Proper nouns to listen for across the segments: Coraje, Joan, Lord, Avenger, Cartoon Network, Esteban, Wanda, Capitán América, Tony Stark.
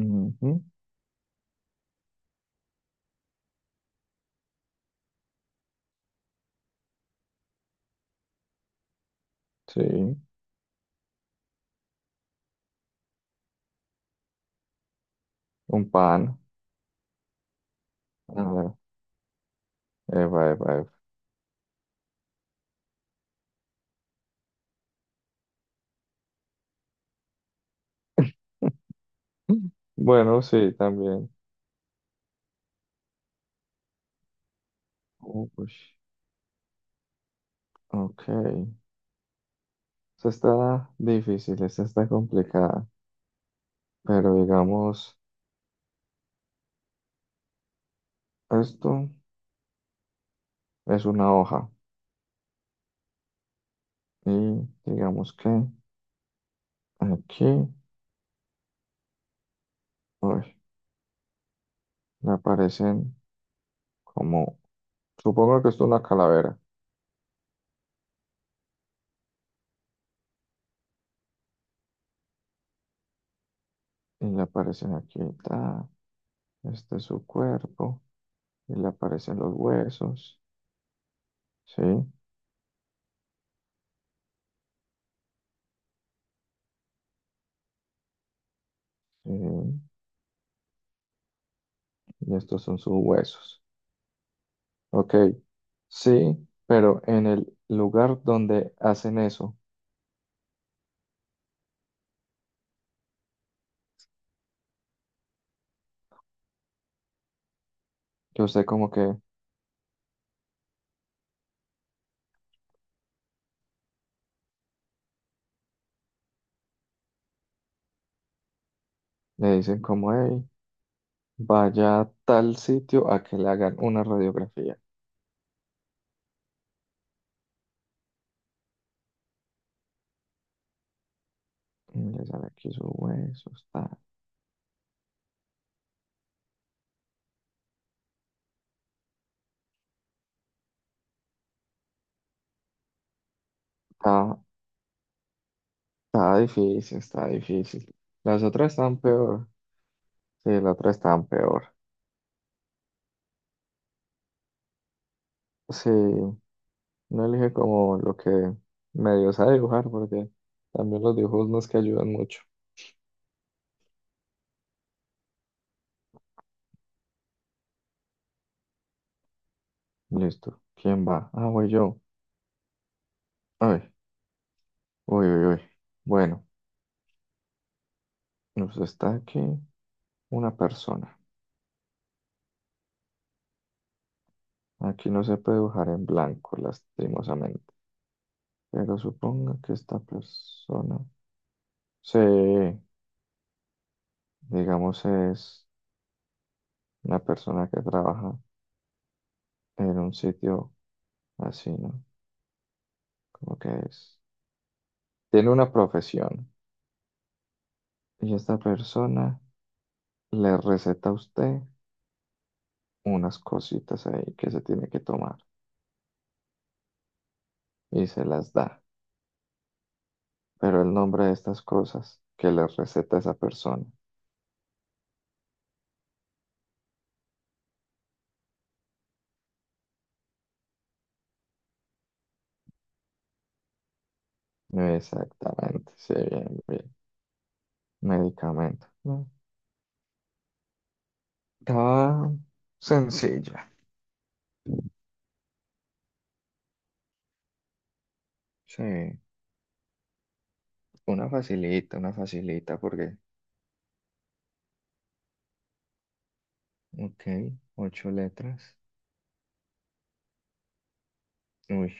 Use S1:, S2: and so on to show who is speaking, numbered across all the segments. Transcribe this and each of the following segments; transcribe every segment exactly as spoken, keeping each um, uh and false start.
S1: Ujú, sí, un pan. A ver, eva, eva, eva. Bueno, sí, también. Uy, ok. Esta está difícil, esta está complicada, pero digamos, esto es una hoja y digamos que aquí, uy, le aparecen como, supongo que esto es una calavera y le aparecen aquí, ta, este es su cuerpo y le aparecen los huesos, ¿sí? Sí. Y estos son sus huesos. Ok, sí, pero en el lugar donde hacen eso, que usted como que le dicen como, hey, vaya a tal sitio a que le hagan una radiografía. Y le sale aquí su hueso. Está, está, está difícil, está difícil. Las otras están peor. Sí, las otras están peor. Sí, no elige como lo que medio sabe dibujar porque también los dibujos no es que ayudan mucho. Listo. ¿Quién va? Ah, voy yo. Ay. Uy, uy, uy. Bueno, nos está aquí una persona. Aquí no se puede dibujar en blanco, lastimosamente. Pero suponga que esta persona, sí, digamos, es una persona que trabaja en un sitio así, ¿no? Como que es. Tiene una profesión. Y esta persona le receta a usted unas cositas ahí que se tiene que tomar y se las da. Pero el nombre de estas cosas que le receta esa persona. Exactamente, sí, bien, bien. Medicamento, ¿no? Estaba sencilla. Sí, una facilita, una facilita, porque, ok, ocho letras. Uy,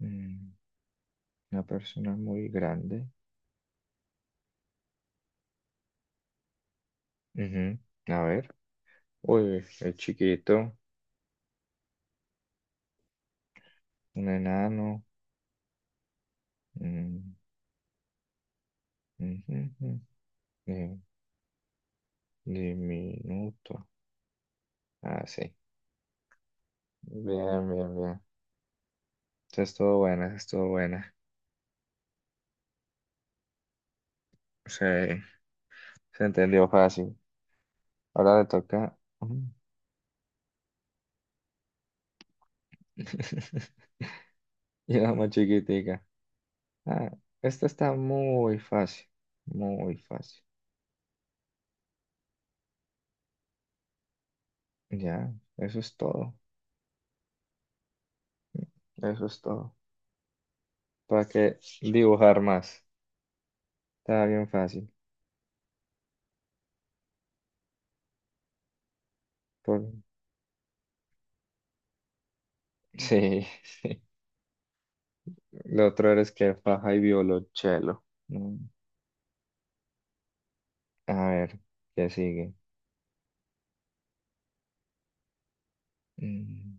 S1: mm, una persona muy grande. Ujú. A ver, uy, es chiquito, un enano. Mm, ujú, ujú, eh, diminuto. Ah, sí. Bien, bien, bien. Esa estuvo buena, esa estuvo buena. Sí, se entendió fácil. Ahora le toca. Mm. Y la más chiquitica. Ah, esta está muy fácil. Muy fácil. Ya, eso es todo. Eso es todo. ¿Para qué dibujar más? Está bien fácil. Por- Sí, lo otro eres que faja y violonchelo. Mm. A ver, ¿qué sigue? Mm,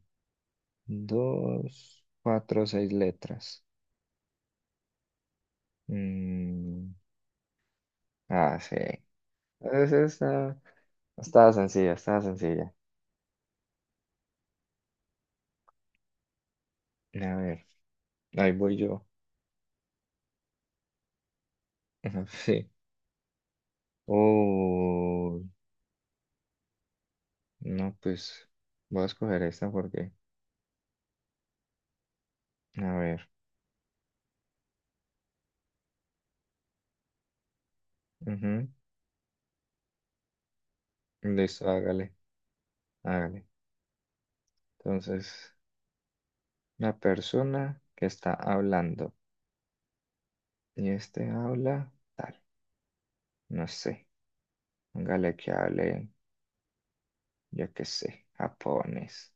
S1: Dos, cuatro, seis letras. Mm, Ah, sí. Es- Está está sencilla, está sencilla. A ver, ahí voy yo. Ajá, sí. Oh, no, pues voy a escoger esta porque, a ver, ujú. Listo, hágale, hágale. Entonces, una persona que está hablando y este habla, tal, no sé, hágale que hable, yo qué sé, japonés,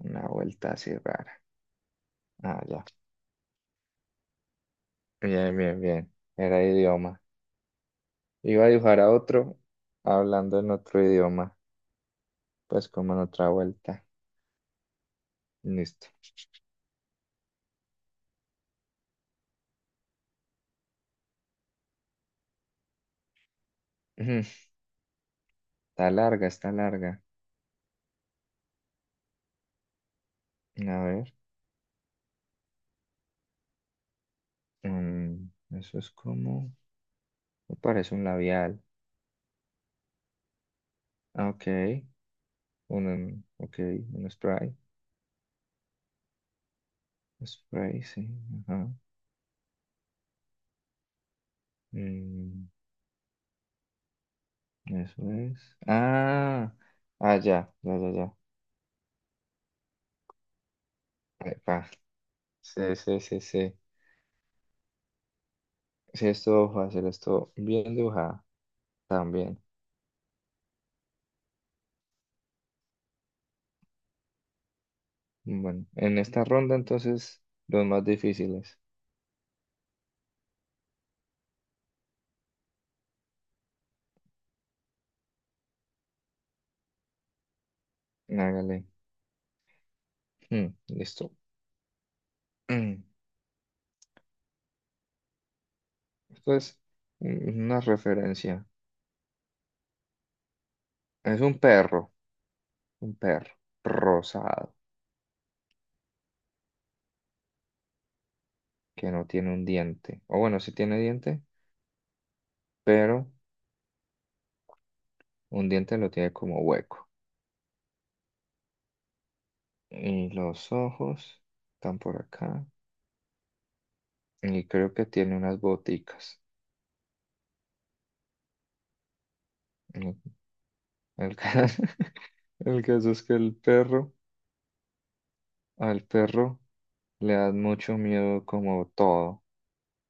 S1: una vuelta así rara. Ah, ya, bien, bien, bien, era idioma. Iba a dibujar a otro hablando en otro idioma, pues como en otra vuelta. Listo. Ujú. Está larga, está larga. A ver. mm, Eso es como. Me parece un labial. Ah, ok. Un, em, ok. Un spray. Spray, sí. Ajá. Mm, eso es. Ah. Ah, ya. Ya, ya, ya. Epa. Sí, sí, sí, sí. Sí, estuvo fácil. Esto bien dibujada. También. Bueno. En esta ronda, entonces, los más difíciles. Hágale. Mm, listo. Esto es un- una referencia. Es un perro, un perro rosado que no tiene un diente. O bueno, sí tiene diente, pero un diente lo tiene como hueco. Y los ojos están por acá. Y creo que tiene unas boticas. El, el ca- el caso es que el perro, al perro le da mucho miedo como todo.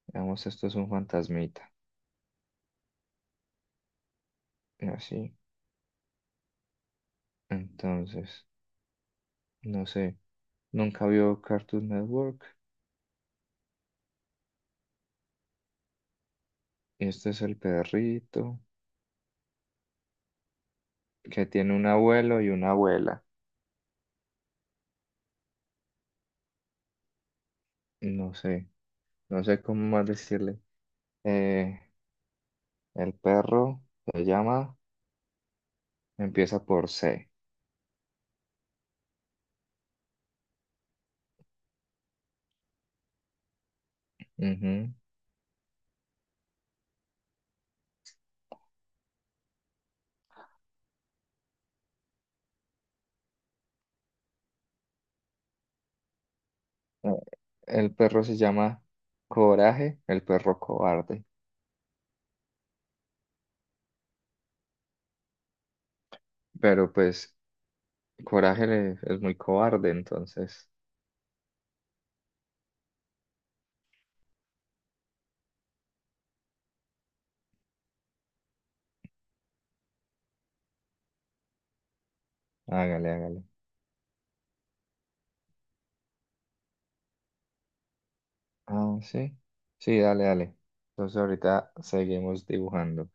S1: Digamos, esto es un fantasmita. Y así. Entonces, no sé. Nunca vio Cartoon Network. Este es el perrito que tiene un abuelo y una abuela. No sé, no sé cómo más decirle. Eh, el perro se llama, empieza por C. Ujú. Eh, El perro se llama Coraje, el perro cobarde. Pero pues Coraje le- es muy cobarde, entonces hágale, hágale. Ah, sí, sí, dale, dale. Entonces ahorita seguimos dibujando.